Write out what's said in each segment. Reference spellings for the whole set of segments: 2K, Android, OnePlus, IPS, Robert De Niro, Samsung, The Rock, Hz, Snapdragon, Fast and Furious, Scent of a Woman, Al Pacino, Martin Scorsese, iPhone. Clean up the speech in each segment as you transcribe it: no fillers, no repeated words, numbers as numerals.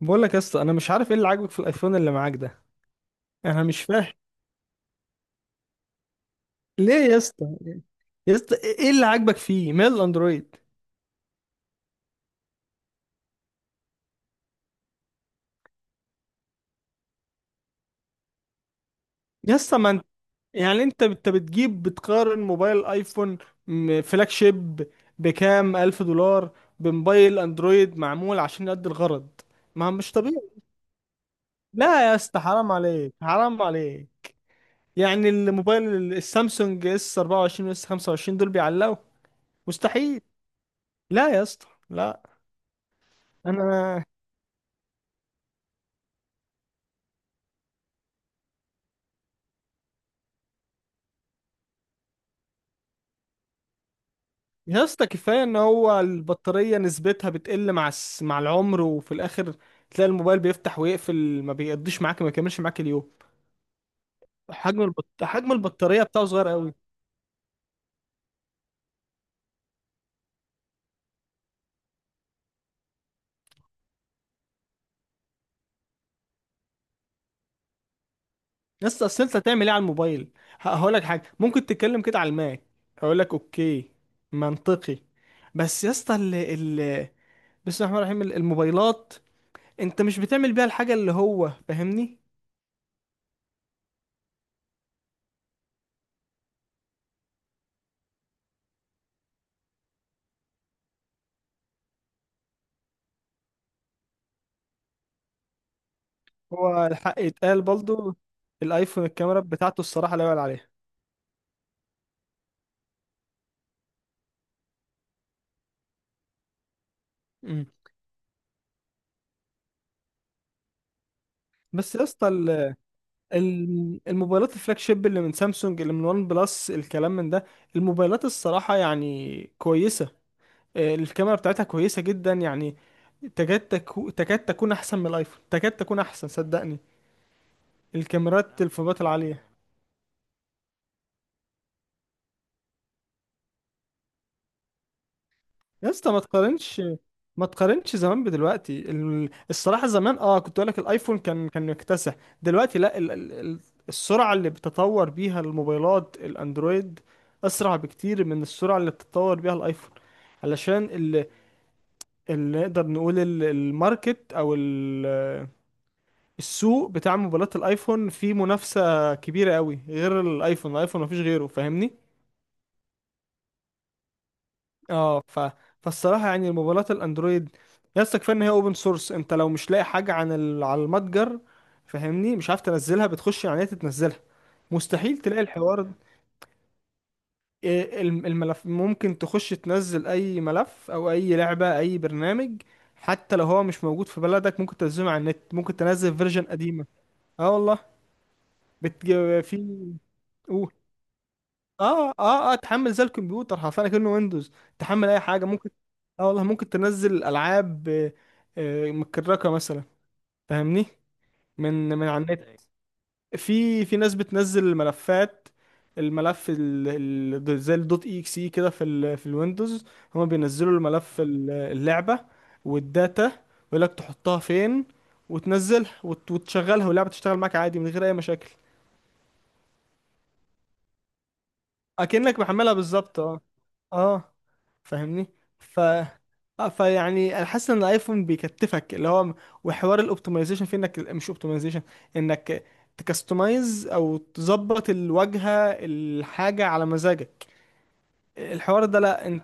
بقول لك يا اسطى، انا مش عارف ايه اللي عاجبك في الايفون اللي معاك ده. انا مش فاهم ليه يا اسطى. يا اسطى، ايه اللي عاجبك فيه مال الاندرويد؟ يا اسطى ما انت، يعني انت بتجيب بتقارن موبايل ايفون فلاج شيب بكام الف دولار بموبايل اندرويد معمول عشان يؤدي الغرض. ما هو مش طبيعي. لا يا اسطى، حرام عليك حرام عليك. يعني الموبايل السامسونج اس 24 واس 25 دول بيعلقوا. مستحيل. لا يا اسطى لا. انا، يا اسطى كفايه ان هو البطاريه نسبتها بتقل مع مع العمر، وفي الاخر تلاقي الموبايل بيفتح ويقفل، ما بيقضيش معاك، ما بيكملش معاك اليوم. حجم البطاريه بتاعه صغير قوي. يا اسطى اصل انت هتعمل ايه على الموبايل؟ هقول لك حاجه ممكن تتكلم كده على الماء، هقول لك اوكي، منطقي. بس يا اسطى بسم الله الرحمن الرحيم، الموبايلات انت مش بتعمل بيها الحاجه اللي هو، فاهمني. هو الحق يتقال برضه، الايفون الكاميرا بتاعته الصراحه لا يعلى عليها. إمم. بس يا اسطى الموبايلات الفلاج شيب اللي من سامسونج، اللي من وان بلس، الكلام من ده، الموبايلات الصراحة يعني كويسة، آه، الكاميرا بتاعتها كويسة جدا يعني، تكاد تكون احسن من الايفون، تكاد تكون احسن صدقني. الكاميرات الفوجات العالية. يا اسطى ما تقارنش، ما تقارنش زمان بدلوقتي. الصراحة زمان، اه، كنت اقول لك الايفون كان مكتسح. دلوقتي لا، السرعة اللي بتطور بيها الموبايلات الاندرويد اسرع بكتير من السرعة اللي بتطور بيها الايفون. علشان اللي نقدر نقول الماركت او السوق بتاع موبايلات الايفون فيه منافسة كبيرة قوي، غير الايفون، الايفون مفيش غيره، فاهمني. اه، فالصراحه يعني موبايلات الاندرويد، يس، كفايه ان هي اوبن سورس. انت لو مش لاقي حاجه عن على المتجر، فاهمني، مش عارف تنزلها، بتخش على النت تنزلها. مستحيل تلاقي الحوار ده. إيه الملف، ممكن تخش تنزل اي ملف او اي لعبه اي برنامج، حتى لو هو مش موجود في بلدك ممكن تنزله على النت، ممكن تنزل فيرجن قديمه. اه والله. بتج... في قول. اه اه، اه تحمل زي الكمبيوتر حرفيا كأنه ويندوز، تحمل اي حاجه ممكن. اه والله، ممكن تنزل العاب، آه، آه متكركه مثلا، فاهمني، من على النت. في ناس بتنزل الملفات، الملف زي الدوت اي اكس اي كده في في الويندوز، هما بينزلوا الملف اللعبه والداتا، ويقول لك تحطها فين، وتنزلها وتشغلها، واللعبه تشتغل معاك عادي من غير اي مشاكل. اكنك محملها بالظبط، اه اه، فاهمني. ف اه، فيعني انا حاسس ان الايفون بيكتفك، اللي هو وحوار الاوبتمايزيشن، في انك مش اوبتمايزيشن، انك تكستمايز او تظبط الواجهه، الحاجه على مزاجك، الحوار ده لا. انت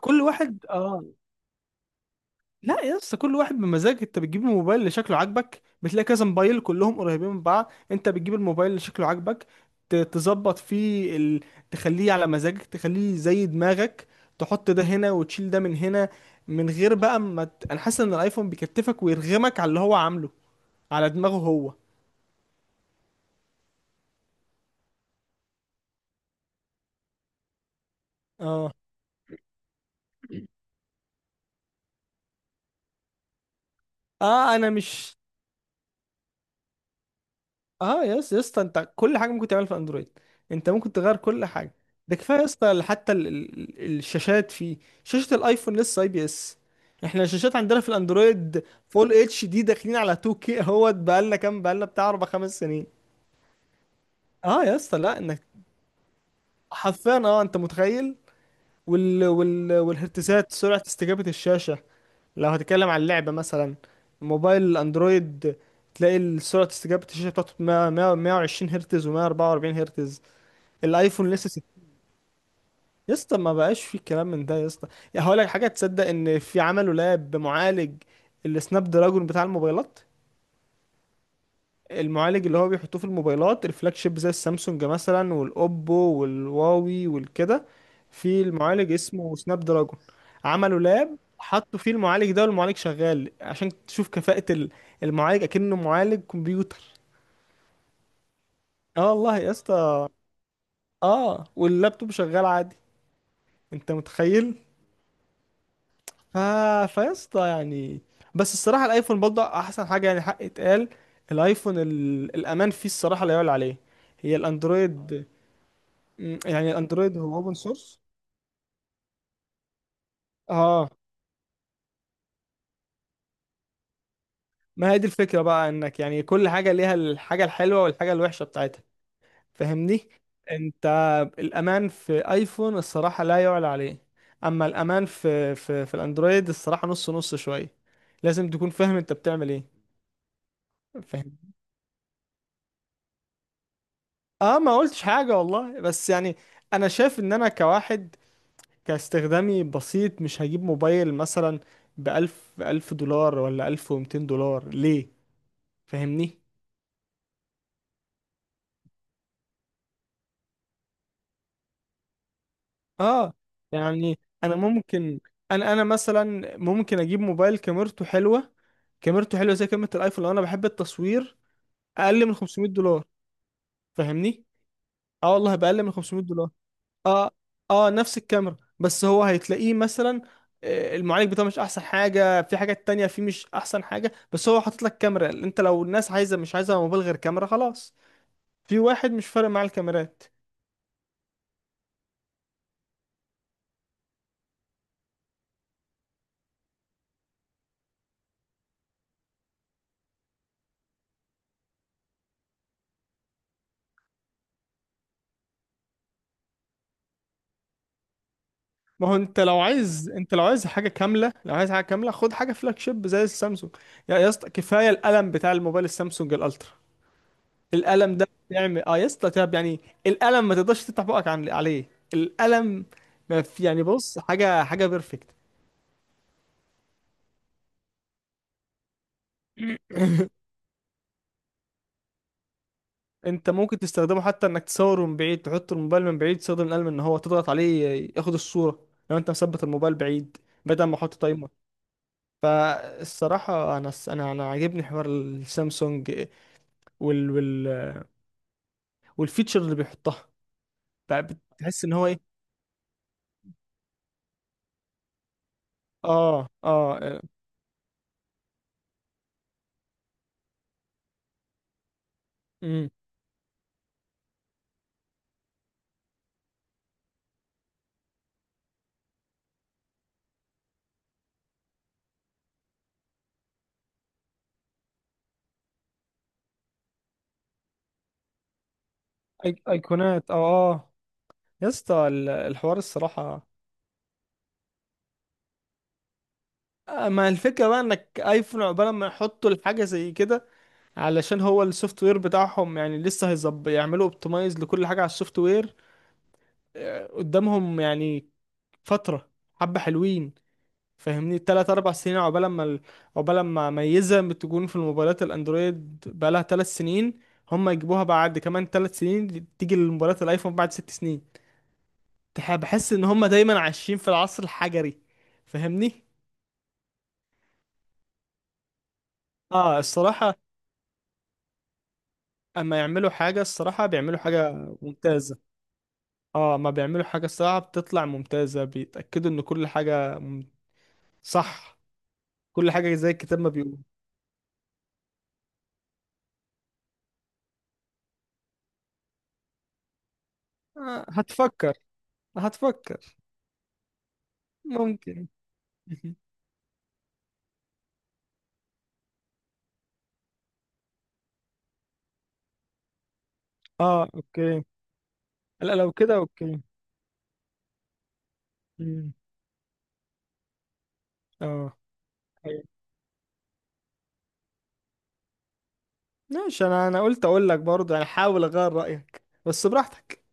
كل واحد اه. لا يا اسطى، كل واحد بمزاج، انت بتجيب الموبايل اللي شكله عاجبك، بتلاقي كذا موبايل كلهم قريبين من بعض، انت بتجيب الموبايل اللي شكله عاجبك، تظبط فيه تخليه على مزاجك، تخليه زي دماغك، تحط ده هنا وتشيل ده من هنا، من غير بقى ما انا حاسس ان الايفون بيكتفك ويرغمك على اللي هو عامله على دماغه هو. اه اه، انا مش، اه، يا اسطى يا اسطى، انت كل حاجه ممكن تعملها في اندرويد، انت ممكن تغير كل حاجه. ده كفايه يا اسطى، حتى الشاشات فيه، شاشه الايفون لسه اي بي اس، احنا الشاشات عندنا في الاندرويد فول اتش دي داخلين على 2K كي اهوت، بقالنا كام، بقالنا بتاع اربع خمس سنين. اه يا اسطى لا انك، حرفيا، اه، انت متخيل، والهرتزات، سرعه استجابه الشاشه لو هتتكلم عن اللعبه مثلا. موبايل الاندرويد تلاقي سرعه استجابه الشاشه بتاعته 100 120 هرتز و144 هرتز. الايفون لسه يا اسطى ما بقاش في كلام من ده يا اسطى. يا هقول لك حاجه، تصدق ان في عملوا لاب بمعالج السناب دراجون بتاع الموبايلات، المعالج اللي هو بيحطوه في الموبايلات الفلاج شيب زي السامسونج مثلا والاوبو والهواوي والكده، في المعالج اسمه سناب دراجون، عملوا لاب حطوا فيه المعالج ده، والمعالج شغال عشان تشوف كفاءة المعالج اكنه معالج كمبيوتر. اه والله يا اسطى، اه، واللابتوب شغال عادي، انت متخيل. ف... فيسطا يعني. بس الصراحة الايفون برضه احسن حاجة، يعني حق اتقال، الايفون الامان فيه الصراحة لا يعلى عليه. هي الاندرويد، يعني الاندرويد هو اوبن سورس. اه، ما هي دي الفكرة بقى، انك يعني كل حاجة ليها الحاجة الحلوة والحاجة الوحشة بتاعتها، فاهمني. انت الامان في ايفون الصراحة لا يعلى عليه، اما الامان في في الاندرويد الصراحة نص نص شوية، لازم تكون فاهم انت بتعمل ايه. اه، ما قلتش حاجة والله بس يعني، انا شايف ان انا كواحد كاستخدامي بسيط، مش هجيب موبايل مثلا بألف ألف دولار ولا ألف ومتين دولار، ليه؟ فاهمني. اه يعني انا ممكن، انا مثلا ممكن اجيب موبايل كاميرته حلوة، كاميرته حلوة زي كاميرا الايفون لو انا بحب التصوير، اقل من 500 دولار، فاهمني. اه والله، بأقل من 500. اه اه، نفس الكاميرا، بس هو هيتلاقيه مثلا، آه، المعالج بتاعه مش احسن حاجه، في حاجات تانية فيه مش احسن حاجه، بس هو حاطط لك كاميرا، انت لو الناس عايزه، مش عايزه موبايل غير كاميرا، خلاص، في واحد مش فارق معاه الكاميرات. ما هو انت لو عايز، انت لو عايز حاجه كامله، لو عايز حاجه كامله خد حاجه فلاج شيب زي السامسونج. يا، يا اسطى، كفايه القلم بتاع الموبايل السامسونج الالترا، القلم ده بيعمل اه يا اسطى، تعب يعني. القلم ما تقدرش تفتح بقك عن عليه، القلم ما في، يعني بص، حاجه حاجه بيرفكت. انت ممكن تستخدمه حتى انك تصوره من بعيد، تحط الموبايل من بعيد، تستخدم القلم ان هو تضغط عليه ياخد الصورة لو انت مثبت الموبايل بعيد، بدل ما احط تايمر. فالصراحة انا انا عاجبني حوار السامسونج، وال وال والفيتشر اللي بيحطها، بقى بتحس ان هو ايه. اه اه، آه، امم، ايقونات، اه اه، يا اسطى الحوار الصراحة، آه، ما الفكرة بقى انك ايفون عقبال ما يحطوا الحاجة زي كده، علشان هو السوفت وير بتاعهم يعني لسه هيظبط، يعملوا اوبتمايز لكل حاجة على السوفت وير، آه، قدامهم يعني فترة حبة حلوين، فاهمني، تلات أربع سنين، عقبال ما عقبال ما ميزة بتكون في الموبايلات الأندرويد بقالها تلات سنين، هم يجيبوها بعد كمان تلات سنين، تيجي للموبايلات الأيفون بعد ست سنين. بحس إن هم دايما عايشين في العصر الحجري، فاهمني؟ اه الصراحة، أما يعملوا حاجة الصراحة بيعملوا حاجة ممتازة، اه، ما بيعملوا حاجة الصراحة بتطلع ممتازة، بيتأكدوا ان كل حاجة صح، كل حاجة زي الكتاب ما بيقول. آه، هتفكر، هتفكر، ممكن. اه اوكي، لا لو كده اوكي. مم. اه. أيوة. ماشي، انا قلت اقول لك برضه يعني، حاول اغير رأيك، بس براحتك.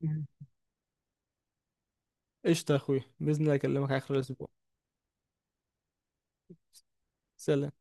مم. قشطة يا اخويا، بإذن الله اكلمك على اخر الاسبوع. سلام.